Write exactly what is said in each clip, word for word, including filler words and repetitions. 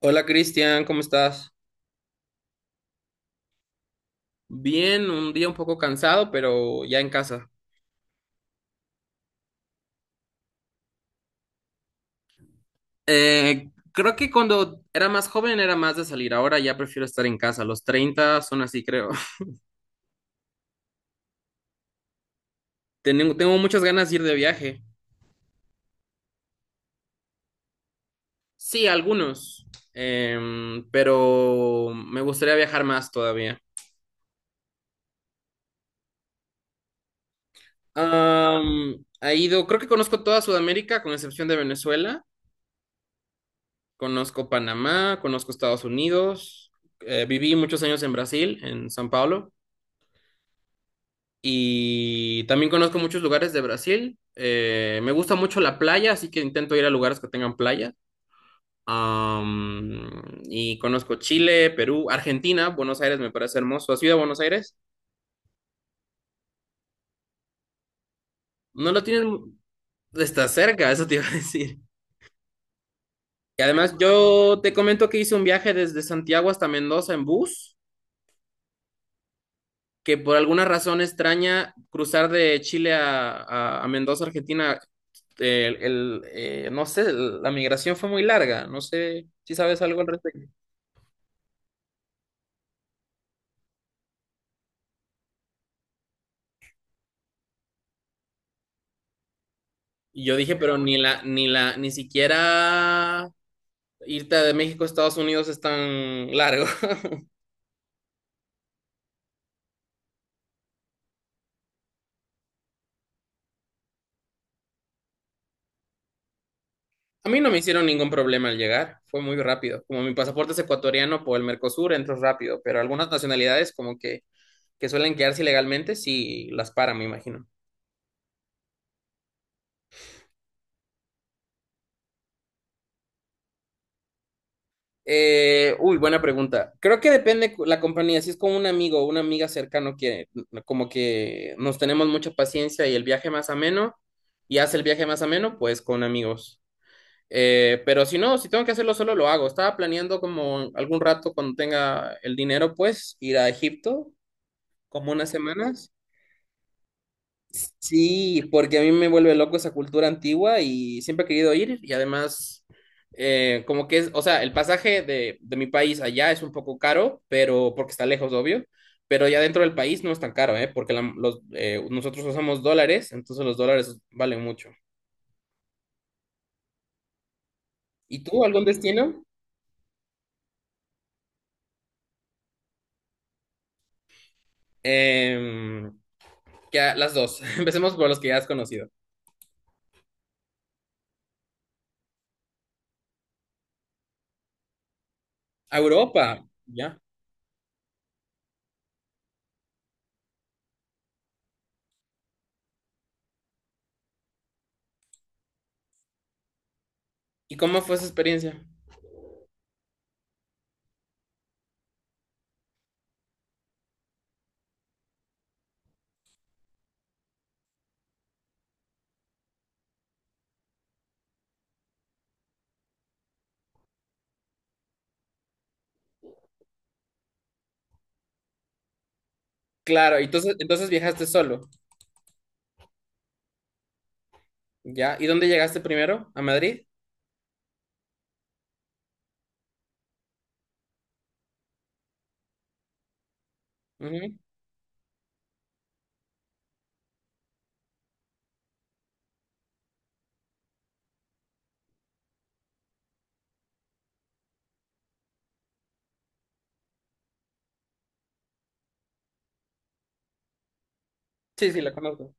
Hola Cristian, ¿cómo estás? Bien, un día un poco cansado, pero ya en casa. Eh, creo que cuando era más joven era más de salir, ahora ya prefiero estar en casa. Los treinta son así, creo. Tengo, tengo muchas ganas de ir de viaje. Sí, algunos. Em, pero me gustaría viajar más todavía. Am, ha ido, creo que conozco toda Sudamérica, con excepción de Venezuela. Conozco Panamá, conozco Estados Unidos. Eh, viví muchos años en Brasil, en San Pablo. Y también conozco muchos lugares de Brasil. Eh, me gusta mucho la playa, así que intento ir a lugares que tengan playa. Am, y conozco Chile, Perú, Argentina. Buenos Aires me parece hermoso. ¿Has ido a Buenos Aires? No lo tienen. Está cerca, eso te iba a decir. Y además yo te comento que hice un viaje desde Santiago hasta Mendoza en bus, que por alguna razón extraña cruzar de Chile a, a, a Mendoza, Argentina, el, el, eh, no sé, la migración fue muy larga, no sé si sabes algo al respecto. Y yo dije, pero ni la, ni la, ni siquiera irte de México a Estados Unidos es tan largo. A mí no me hicieron ningún problema al llegar, fue muy rápido. Como mi pasaporte es ecuatoriano, por el Mercosur entro rápido, pero algunas nacionalidades como que, que suelen quedarse ilegalmente, sí las paran, me imagino. Eh, uy, buena pregunta. Creo que depende cu- la compañía. Si es con un amigo o una amiga cercano que n- como que nos tenemos mucha paciencia y el viaje más ameno y hace el viaje más ameno, pues con amigos. Eh, pero si no, si tengo que hacerlo solo, lo hago. Estaba planeando, como algún rato cuando tenga el dinero, pues ir a Egipto como unas semanas. Sí, porque a mí me vuelve loco esa cultura antigua y siempre he querido ir. Y además, eh, como que es, o sea, el pasaje de, de mi país allá es un poco caro, pero porque está lejos, obvio, pero ya dentro del país no es tan caro, ¿eh? Porque la- los, eh, nosotros usamos dólares, entonces los dólares valen mucho. ¿Y tú, algún destino? Em, que a- las dos, empecemos por los que ya has conocido. ¿A Europa, ya? ¿Y cómo fue esa experiencia? Claro, entonces, entonces viajaste solo. ¿Ya? ¿Y dónde llegaste primero? ¿A Madrid? Ujú. Sí, sí, la conozco.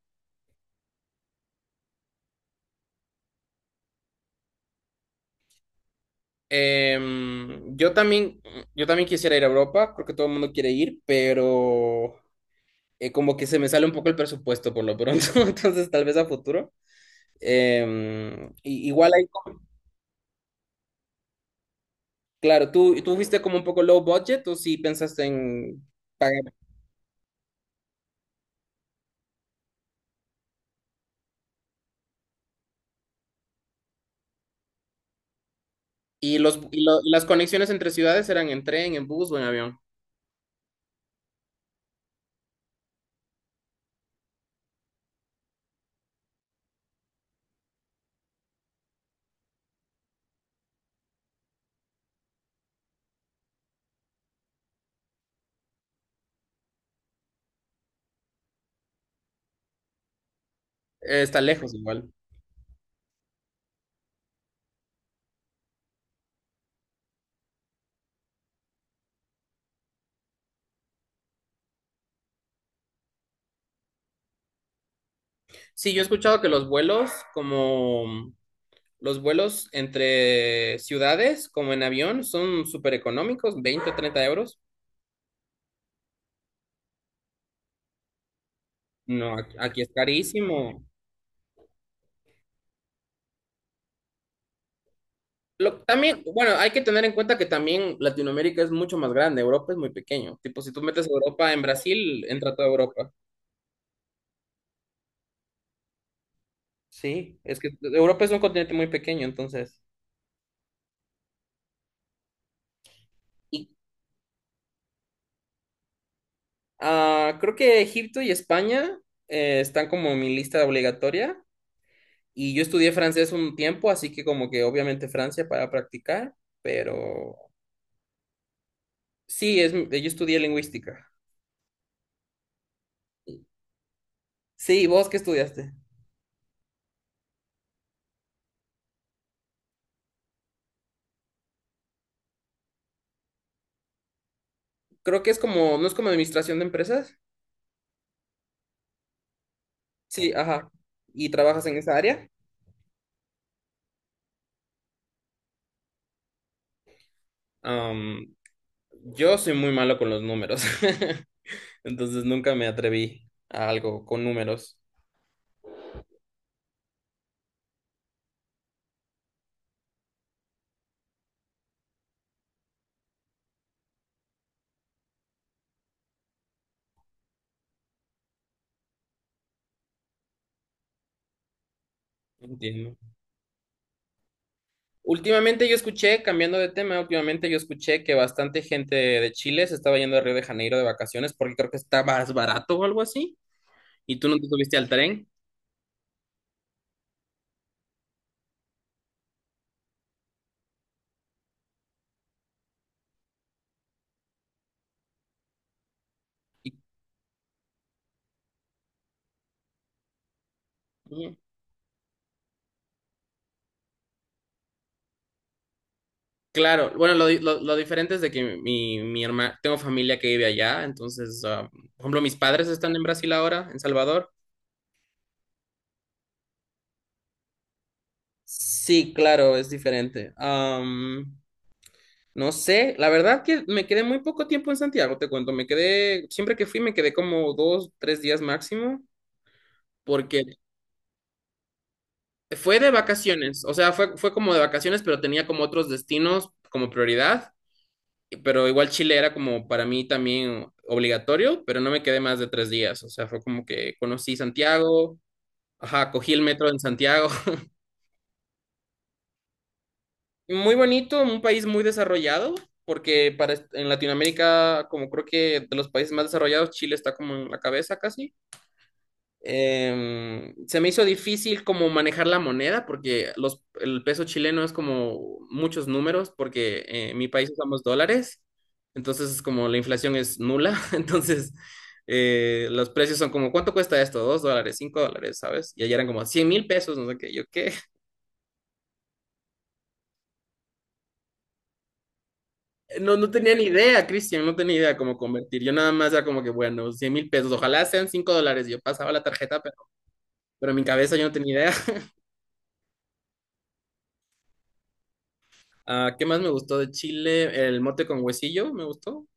Em, yo también, yo también quisiera ir a Europa, creo que todo el mundo quiere ir, pero eh, como que se me sale un poco el presupuesto por lo pronto, entonces tal vez a futuro. Em, y- igual ahí, como- claro, ¿tú, tú fuiste como un poco low budget o sí pensaste en pagar? ¿Y los, y lo- y las conexiones entre ciudades eran en tren, en bus o en avión? Eh, está lejos igual. Sí, yo he escuchado que los vuelos como... Los vuelos entre ciudades, como en avión, son súper económicos, veinte o treinta euros. No, aquí aquí es carísimo. Lo, también, bueno, hay que tener en cuenta que también Latinoamérica es mucho más grande, Europa es muy pequeño. Tipo, si tú metes Europa en Brasil, entra toda Europa. Sí, es que Europa es un continente muy pequeño, entonces. Y ah, Creo que Egipto y España eh, están como en mi lista obligatoria. Y yo estudié francés un tiempo, así que como que obviamente Francia para practicar, pero... Sí, es, yo estudié lingüística. Sí, ¿vos qué estudiaste? Creo que es como, ¿no es como administración de empresas? Sí, ajá. ¿Y trabajas en esa área? Am, yo soy muy malo con los números, entonces nunca me atreví a algo con números. Entiendo. Últimamente yo escuché, cambiando de tema, últimamente yo escuché que bastante gente de Chile se estaba yendo a Río de Janeiro de vacaciones porque creo que está más barato o algo así. Y tú no te subiste al tren. Y- Claro, bueno, lo, di- lo, lo diferente es de que mi, mi hermana, tengo familia que vive allá, entonces, ah, por ejemplo, mis padres están en Brasil ahora, en Salvador. Sí, claro, es diferente. Am, no sé, la verdad que me quedé muy poco tiempo en Santiago, te cuento, me quedé, siempre que fui me quedé como dos, tres días máximo, porque fue de vacaciones, o sea, fue, fue como de vacaciones, pero tenía como otros destinos como prioridad. Pero igual Chile era como para mí también obligatorio, pero no me quedé más de tres días, o sea, fue como que conocí Santiago, ajá, cogí el metro en Santiago. Muy bonito, un país muy desarrollado, porque para, est- en Latinoamérica, como creo que de los países más desarrollados, Chile está como en la cabeza casi. Em, se me hizo difícil como manejar la moneda porque los, el peso chileno es como muchos números, porque eh, en mi país usamos dólares, entonces es como la inflación es nula. Entonces, eh, los precios son como, ¿cuánto cuesta esto? Dos dólares, cinco dólares, ¿sabes? Y allá eran como cien mil pesos, no sé qué, yo qué. No, no tenía ni idea, Cristian, no tenía ni idea cómo convertir. Yo nada más era como que, bueno, cien mil pesos, ojalá sean cinco dólares. Yo pasaba la tarjeta, pero, pero en mi cabeza yo no tenía idea. Ah, ¿qué más me gustó de Chile? El mote con huesillo, me gustó.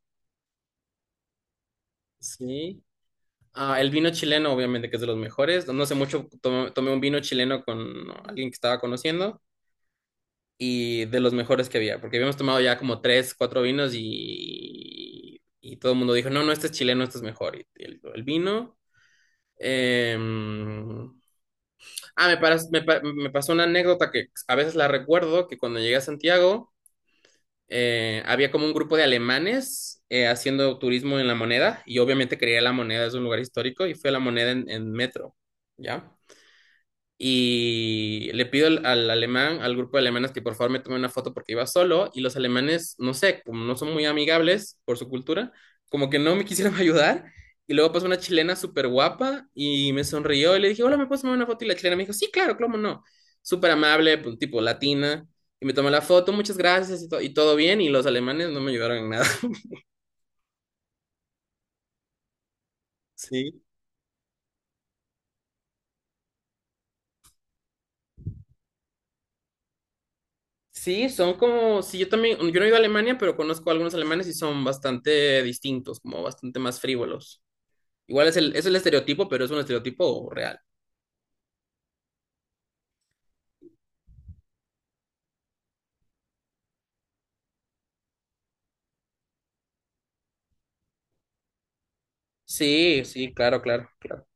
Sí. Ah, el vino chileno, obviamente, que es de los mejores. No sé mucho, tomé, tomé un vino chileno con alguien que estaba conociendo, y de los mejores que había, porque habíamos tomado ya como tres, cuatro vinos, y, y todo el mundo dijo, no, no, este es chileno, este es mejor. Y el, el vino. em, Ah, me, paras- me pa- me pasó una anécdota que a veces la recuerdo, que cuando llegué a Santiago... eh, Había como un grupo de alemanes eh, haciendo turismo en La Moneda, y obviamente quería La Moneda, es un lugar histórico, y fui a La Moneda en, en metro, ¿ya? Y le pido al, al alemán, al grupo de alemanes que por favor me tome una foto porque iba solo, y los alemanes, no sé, como no son muy amigables por su cultura, como que no me quisieron ayudar. Y luego pasó una chilena súper guapa y me sonrió y le dije, hola, ¿me puedes tomar una foto? Y la chilena me dijo, sí, claro, cómo no, súper amable, pues, tipo latina, y me tomó la foto, muchas gracias, y, to- y todo bien, y los alemanes no me ayudaron en nada. Sí. Sí, son como, sí, yo también, yo no he ido a Alemania, pero conozco a algunos alemanes y son bastante distintos, como bastante más frívolos. Igual es el, es el estereotipo, pero es un estereotipo real. Sí, sí, claro, claro, claro.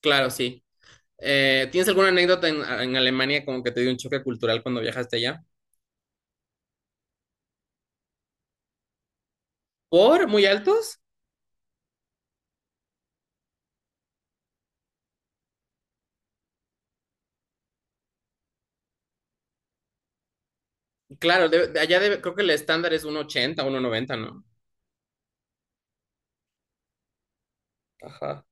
Claro, sí. Eh, ¿tienes alguna anécdota en, en Alemania, como que te dio un choque cultural cuando viajaste allá? ¿Por muy altos? Claro, de, de allá debe- creo que el estándar es uno ochenta, uno noventa, ¿no? Ajá.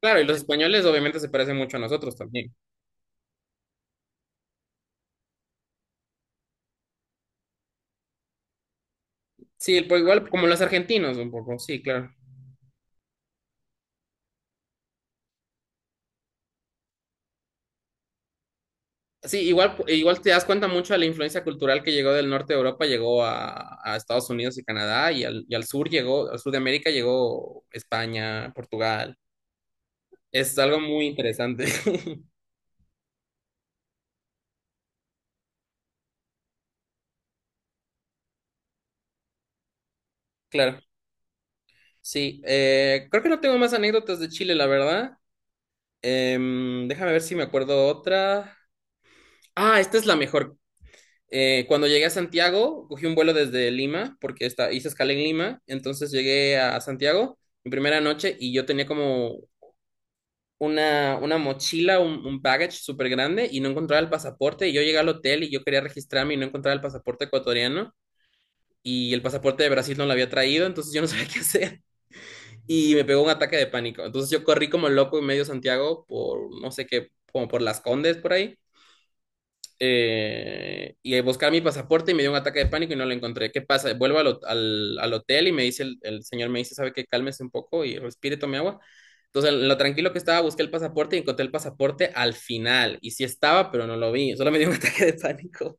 Claro, y los españoles obviamente se parecen mucho a nosotros también. Sí, pues igual como los argentinos un poco, sí, claro. Sí, igual, igual te das cuenta mucho de la influencia cultural que llegó del norte de Europa, llegó a, a Estados Unidos y Canadá, y al, y al sur llegó, al sur de América llegó España, Portugal. Es algo muy interesante. Claro, sí. Eh, creo que no tengo más anécdotas de Chile, la verdad. Em, déjame ver si me acuerdo otra. Ah, esta es la mejor. Eh, cuando llegué a Santiago, cogí un vuelo desde Lima, porque esta- hice escala en Lima, entonces llegué a Santiago mi primera noche y yo tenía como una, una mochila, un, un baggage súper grande y no encontraba el pasaporte. Y yo llegué al hotel y yo quería registrarme y no encontraba el pasaporte ecuatoriano. Y el pasaporte de Brasil no lo había traído, entonces yo no sabía qué hacer. Y me pegó un ataque de pánico. Entonces yo corrí como loco en medio Santiago por, no sé qué, como por Las Condes por ahí, eh, y buscar mi pasaporte, y me dio un ataque de pánico y no lo encontré. ¿Qué pasa? Vuelvo al, ho- al- al hotel y me dice el, el señor, me dice, ¿sabe qué? Cálmese un poco y respire, tome agua. Entonces, en lo tranquilo que estaba, busqué el pasaporte y encontré el pasaporte al final. Y sí estaba, pero no lo vi. Solo me dio un ataque de pánico.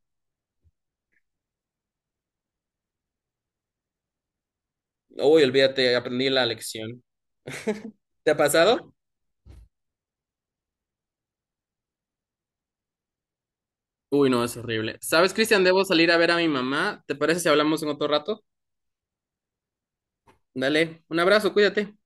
Uy, olvídate, aprendí la lección. ¿Te ha pasado? Uy, no, es horrible. ¿Sabes, Cristian? Debo salir a ver a mi mamá. ¿Te parece si hablamos en otro rato? Dale, un abrazo, cuídate.